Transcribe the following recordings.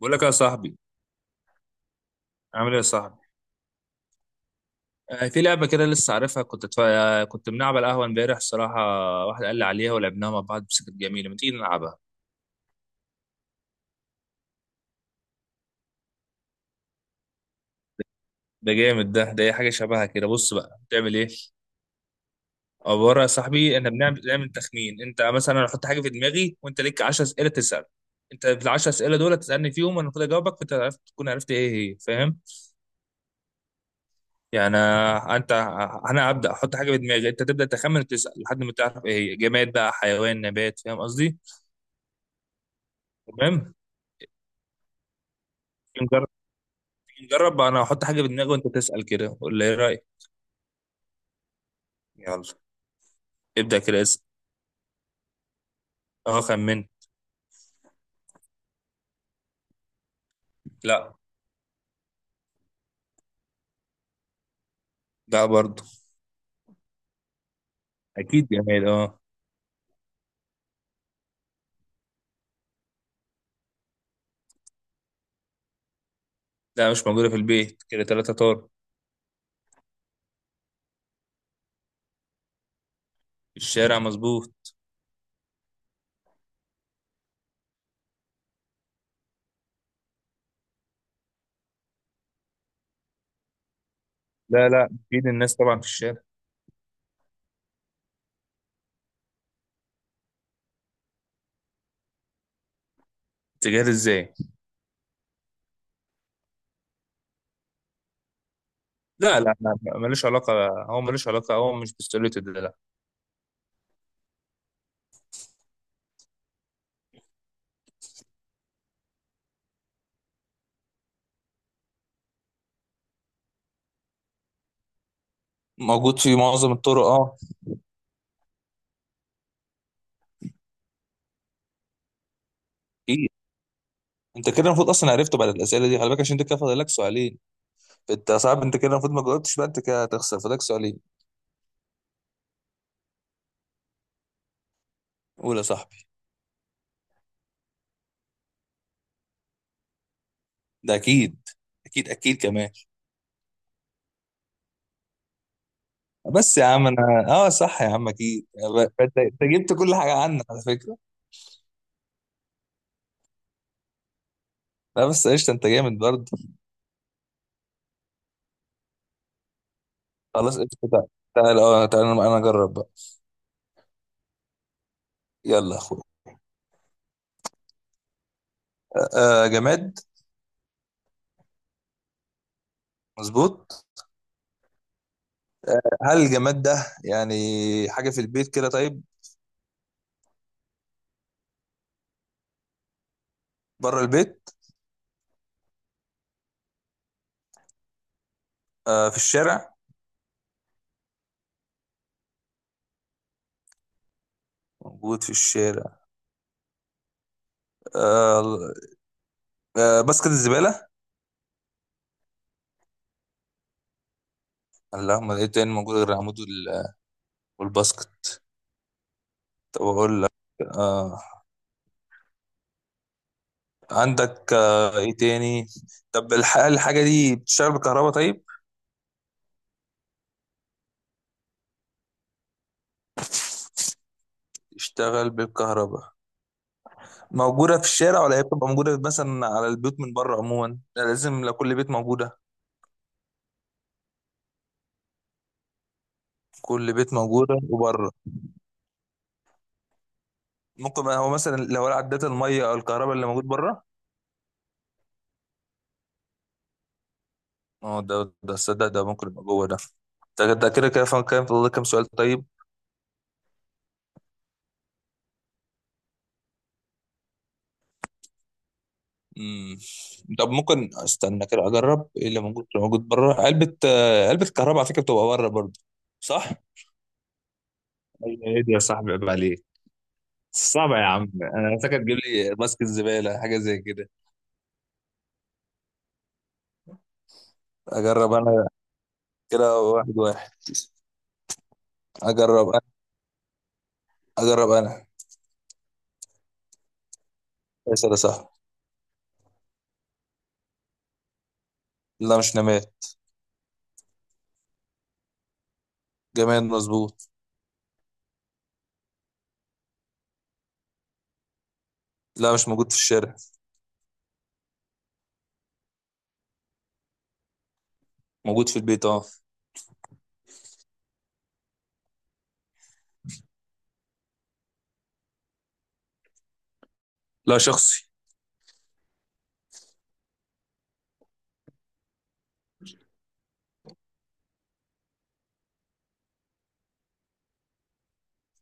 بقول لك يا صاحبي، عامل ايه يا صاحبي؟ في لعبه كده لسه عارفها. كنت بنلعب على القهوه امبارح الصراحه. واحد قال لي عليها ولعبناها مع بعض، بس كانت جميله. ما تيجي نلعبها؟ ده جامد. ده اي حاجه شبهها كده. بص بقى، بتعمل ايه؟ عباره يا صاحبي، احنا بنعمل تخمين. انت مثلا، انا احط حاجه في دماغي وانت ليك 10 اسئله تسال. انت في ال 10 اسئله دول تسالني فيهم، انا المفروض اجاوبك، فانت عرفت تكون عرفت ايه هي، فاهم؟ انت، انا ابدا احط حاجه في دماغي، انت تبدا تخمن وتسال لحد ما تعرف ايه هي، جماد بقى، حيوان، نبات، فاهم قصدي؟ تمام. نجرب. نجرب، انا هحط حاجه في دماغي وانت تسال، كده ولا ايه رايك؟ يلا، ابدا كده اسال. اه، خمن. لا. لا برضه. اكيد جماد، اه. لا مش موجوده في البيت، كده ثلاثه طار. في الشارع، مظبوط. لا لا، اكيد الناس طبعا في الشارع. تجاري ازاي؟ لا لا لا لا، ملوش علاقه. هو ملوش علاقه، هو مش بالسوليت ده، لا. موجود في معظم الطرق، اه. اكيد. انت كده المفروض اصلا عرفته بعد الاسئله دي، خلي بالك عشان انت كده فاضل لك سؤالين. انت صعب، انت كده المفروض ما جاوبتش بقى، انت كده هتخسر، فاضلك سؤالين. قول يا صاحبي. ده اكيد. اكيد اكيد كمان. بس يا عم انا، اه صح يا عم اكيد. ب- انت أنت جبت كل حاجه عنك على فكره. لا بس قشطه، انت جامد برضه. خلاص قشطه، تعال. تعال اه تعال، أنا اجرب بقى. يلا يا اخويا. آه. آه، جماد. مظبوط. هل الجماد ده يعني حاجه في البيت كده؟ طيب، بره البيت. آه في الشارع. موجود في الشارع. آه. آه، باسكت الزباله. اللهم، ايه تاني موجود غير العمود والباسكت؟ طب اقول لك. آه، عندك ايه تاني. طب الحاجة دي بتشتغل بالكهرباء طيب؟ تشتغل بالكهرباء. موجودة في الشارع ولا هي بتبقى موجودة مثلا على البيوت من بره؟ عموما لا، لازم لو كل بيت موجودة. كل بيت موجودة وبره. ممكن بقى هو مثلا لو عدات المية او الكهرباء اللي موجود بره. اه، ده صدق، ده ممكن يبقى جوه ده. ده كده كده فاهم، كام فاضل لك كام سؤال طيب؟ مم. طب ممكن استنى كده، اجرب ايه اللي موجود، اللي موجود بره، علبة علبة كهرباء على فكرة بتبقى بره برضه. صح. ايه دي يا صاحبي، عيب عليك. صعبة يا عم، انا فاكر تجيب لي ماسك الزبالة حاجة زي كده. اجرب انا. كده واحد واحد. اجرب انا. اجرب انا. اسال يا صاحبي. لا مش نماد. جماد، مظبوط. لا مش موجود في الشارع. موجود في البيت، اه. لا شخصي.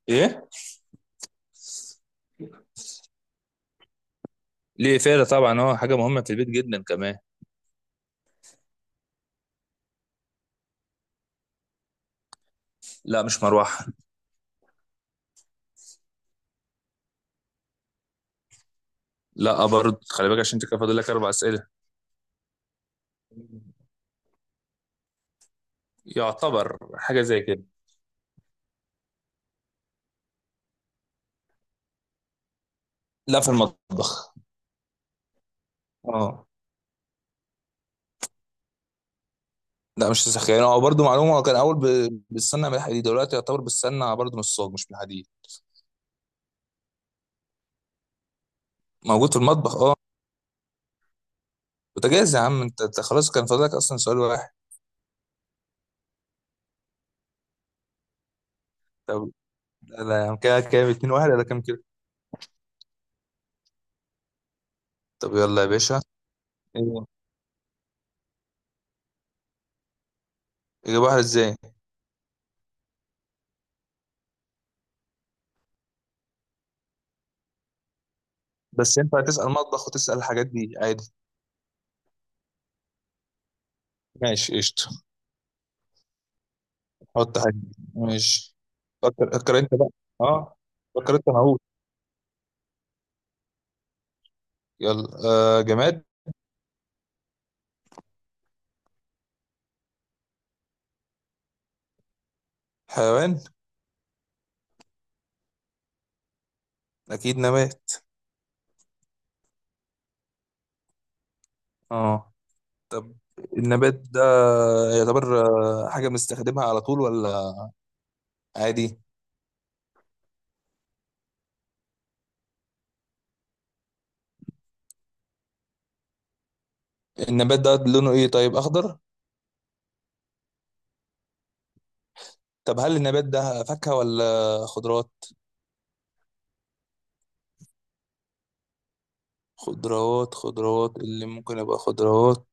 ايه. ليه فعلا طبعا، اه حاجه مهمه في البيت جدا كمان. لا مش مروحه. لا برضه، خلي بالك عشان انت كده فاضل لك اربع اسئله. يعتبر حاجه زي كده. لا في المطبخ. اه. لا مش ساخ، يعني هو برضه معلومه، هو كان اول بالسمنه من الحديد، دلوقتي يعتبر بالسمنه برضه من الصاج مش من الحديد. موجود في المطبخ، اه. بوتاجاز يا عم، أنت خلاص كان فاضلك اصلا سؤال واحد. طب لا لا يا عم، كده كام اتنين واحد ولا كام كده؟ طب يلا يا باشا. ايه؟ اجيب واحد ازاي؟ بس ينفع تسال مطبخ وتسال الحاجات دي عادي؟ ماشي قشطه. حط حاجه. ماشي. فكر، فكر انت بقى. اه. فكر انت معقول. يلا. آه جماد. حيوان. اكيد نبات. اه. النبات ده يعتبر حاجة بنستخدمها على طول ولا عادي؟ النبات ده لونه ايه طيب، اخضر؟ طب هل النبات ده فاكهة ولا خضروات؟ خضروات، خضروات اللي ممكن يبقى خضروات.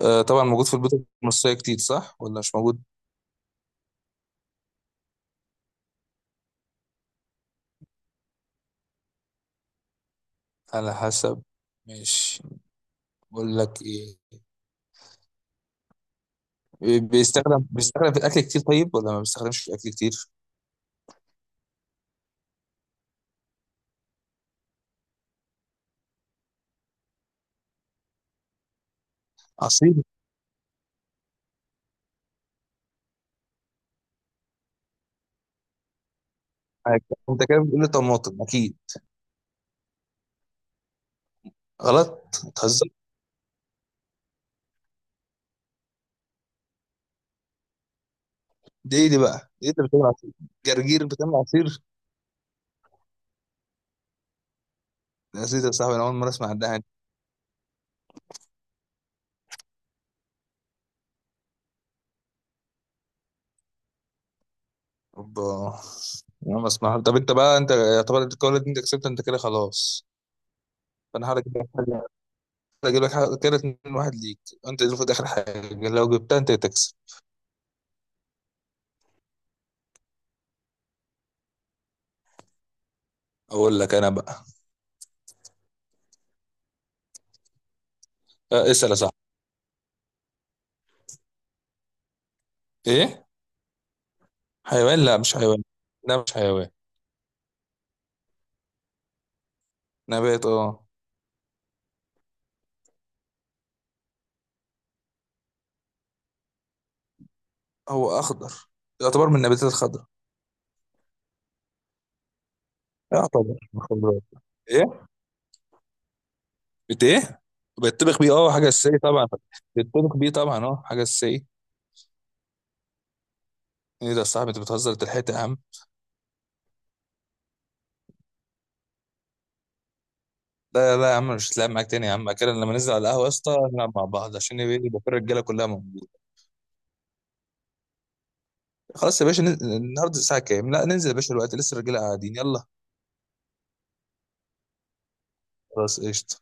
آه طبعا موجود في البيوت المصرية كتير، صح ولا مش موجود؟ على حسب. مش، بقول لك ايه، بيستخدم، بيستخدم في الاكل كتير طيب ولا ما بيستخدمش في الاكل كتير؟ عصير. حاجة. انت كده بتقول لي طماطم اكيد. غلط بتهزر. دي ايه دي بقى، ايه اللي بتعمل عصير؟ جرجير بتعمل عصير؟ يا سيدي يا صاحبي، انا اول مره اسمع عن ده. اوبا. انا ما اسمع. طب انت بقى، انت يعتبر الجوله دي انت كسبت، انت كده خلاص. فانا هحاول اجيب لك حاجه. اجيب لك حاجه، كده 2-1 ليك. انت المفروض اخر حاجه لو جبتها انت تكسب. اقول لك انا بقى. اسال يا صاحبي. ايه؟ حيوان. لا مش حيوان. لا مش حيوان. نبات، اه. هو اخضر، يعتبر من النباتات الخضراء. يعتبر من الخضراء. ايه؟ بت ايه؟ بيتطبخ بيه، اه حاجه اساسيه طبعا. بيتطبخ بيه طبعا، اه حاجه اساسيه. ايه ده يا صاحبي، انت بتهزر، انت لحقت يا عم. لا لا يا عم، مش هتلعب معاك تاني يا عم. كده لما ننزل على القهوه يا اسطى، نلعب مع بعض عشان يبقى يبقى في الرجاله كلها موجوده. خلاص يا باشا، النهارده الساعه كام؟ لا ننزل يا باشا دلوقتي لسه الرجاله قاعدين، يلا. خلاص قشطه.